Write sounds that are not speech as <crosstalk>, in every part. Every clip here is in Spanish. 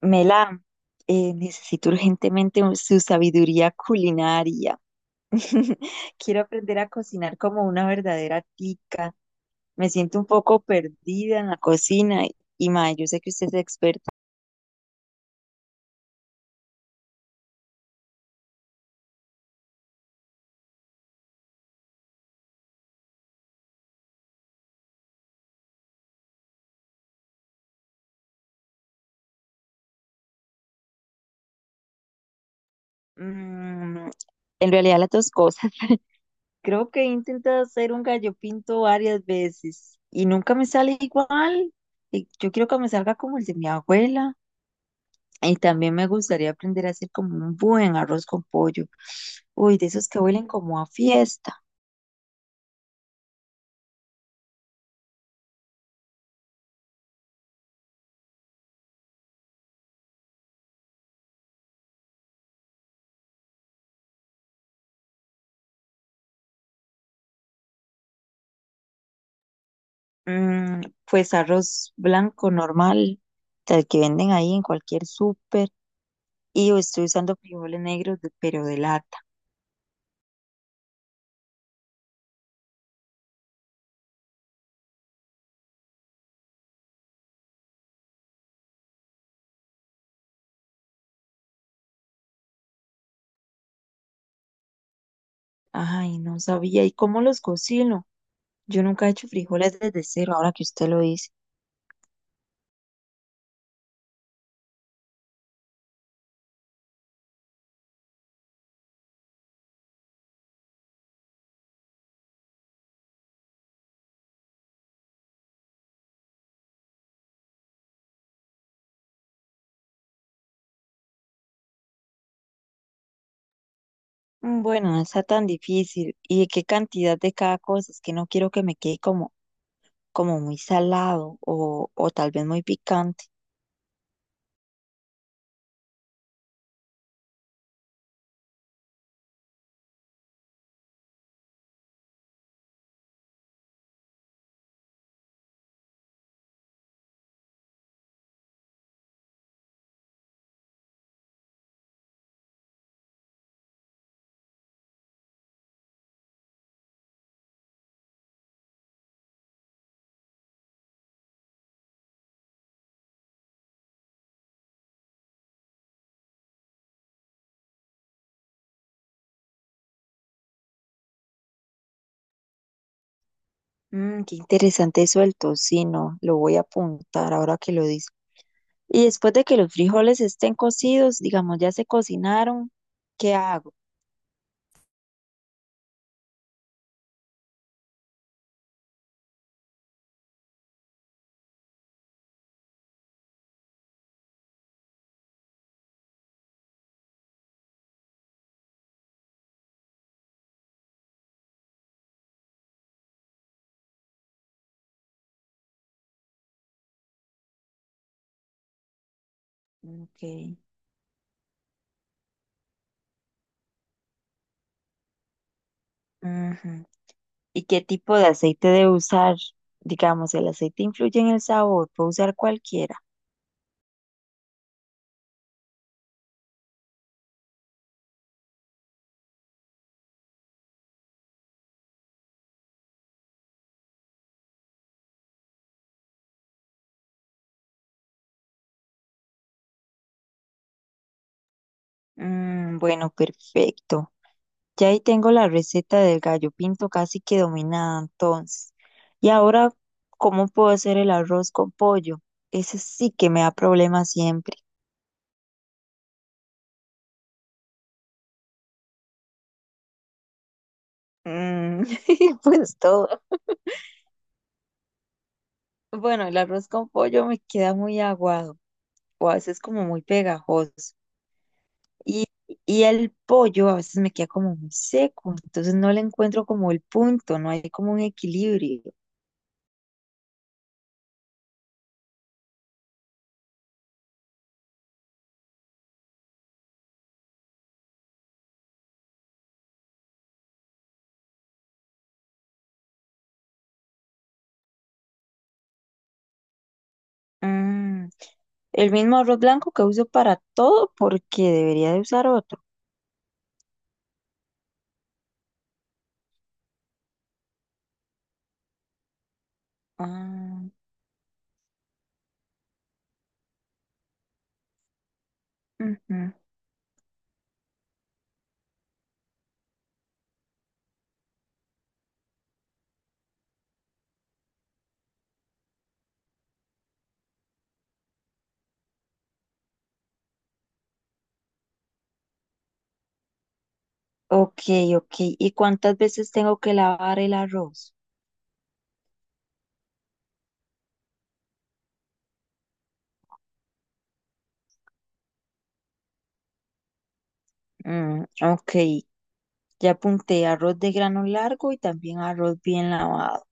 Mela, necesito urgentemente su sabiduría culinaria. <laughs> Quiero aprender a cocinar como una verdadera tica. Me siento un poco perdida en la cocina y, mae, yo sé que usted es experta. Mm, en realidad las dos cosas. <laughs> Creo que he intentado hacer un gallo pinto varias veces y nunca me sale igual. Y yo quiero que me salga como el de mi abuela. Y también me gustaría aprender a hacer como un buen arroz con pollo. Uy, de esos que huelen como a fiesta. Mm, pues arroz blanco normal, el que venden ahí en cualquier súper. Y yo estoy usando frijoles negros, pero de lata. Ay, no sabía. ¿Y cómo los cocino? Yo nunca he hecho frijoles desde cero, ahora que usted lo dice. Mm, bueno, no está tan difícil. ¿Y de qué cantidad de cada cosa? Es que no quiero que me quede como, como muy salado o tal vez muy picante. Mm, qué interesante eso del tocino, lo voy a apuntar ahora que lo dice. Y después de que los frijoles estén cocidos, digamos, ya se cocinaron, ¿qué hago? Okay. Ujú. ¿Y qué tipo de aceite debo usar? Digamos, el aceite influye en el sabor, ¿puedo usar cualquiera? Mm, bueno, perfecto. Ya ahí tengo la receta del gallo pinto casi que dominada entonces. Y ahora, ¿cómo puedo hacer el arroz con pollo? Ese sí que me da problemas siempre. Mm, <laughs> pues todo. Bueno, el arroz con pollo me queda muy aguado o a veces como muy pegajoso. Y, y el pollo a veces me queda como muy seco, entonces no le encuentro como el punto, no hay como un equilibrio. Mm, el mismo arroz blanco que uso para todo, ¿porque debería de usar otro? Ah, ujú. Ok, ok. ¿Y cuántas veces tengo que lavar el arroz? Mm, ok. Ya apunté arroz de grano largo y también arroz bien lavado.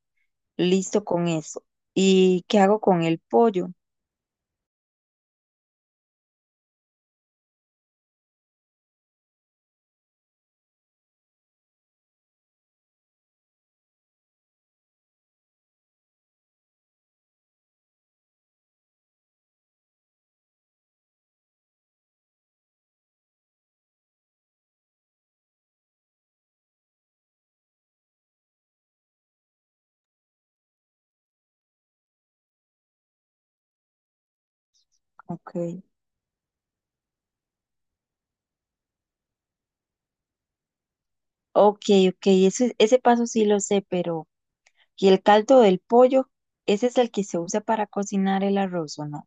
Listo con eso. ¿Y qué hago con el pollo? Ok, ok, ok. Ese paso sí lo sé, pero ¿y el caldo del pollo? ¿Ese es el que se usa para cocinar el arroz o no?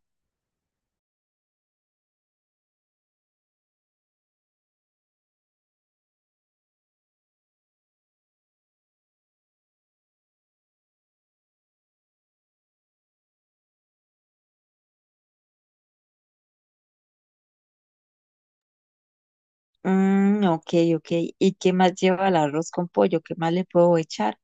Mm, ok, ok. ¿Y qué más lleva el arroz con pollo? ¿Qué más le puedo echar?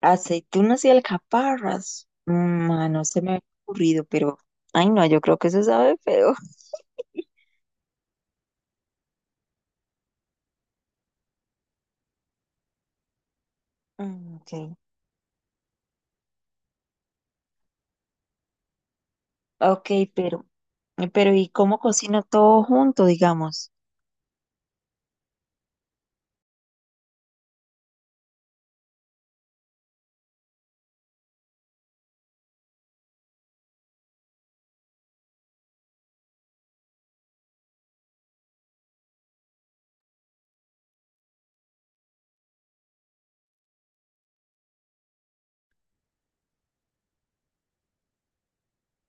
Aceitunas y alcaparras. Mm, ah, no se me ha ocurrido, pero... Ay, no, yo creo que eso sabe feo. <laughs> Mm, ok, ok, pero... pero ¿y cómo cocino todo junto, digamos?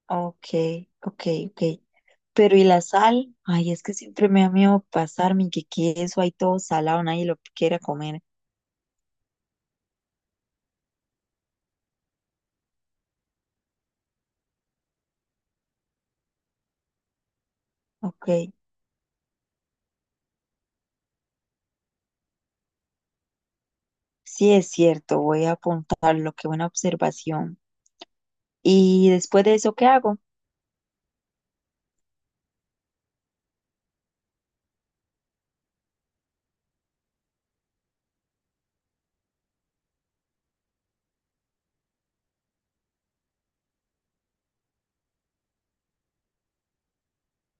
Ok, ok, ok. Pero ¿y la sal? Ay, es que siempre me da miedo pasarme que eso hay todo salado, nadie lo quiera comer. Ok, sí es cierto, voy a apuntarlo, qué buena observación. ¿Y después de eso qué hago?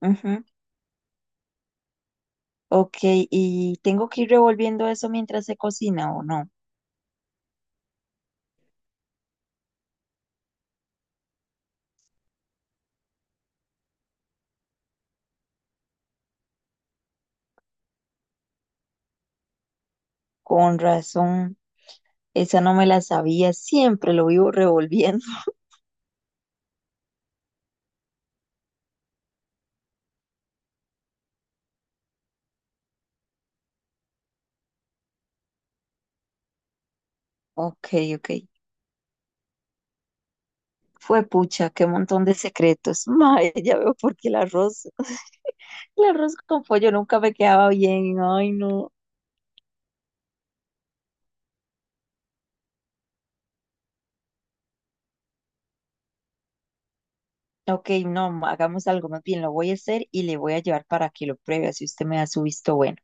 Ujú, ok, ¿y tengo que ir revolviendo eso mientras se cocina o no? Con razón, esa no me la sabía, siempre lo vivo revolviendo. <laughs> Ok, ok. Fue pucha, qué montón de secretos. <laughs> Mae, ya veo por qué el arroz, <laughs> el arroz con pollo nunca me quedaba bien. Ay, no. Ok, no, ma, hagamos algo más bien. Lo voy a hacer y le voy a llevar para que lo pruebe, así usted me da su visto bueno.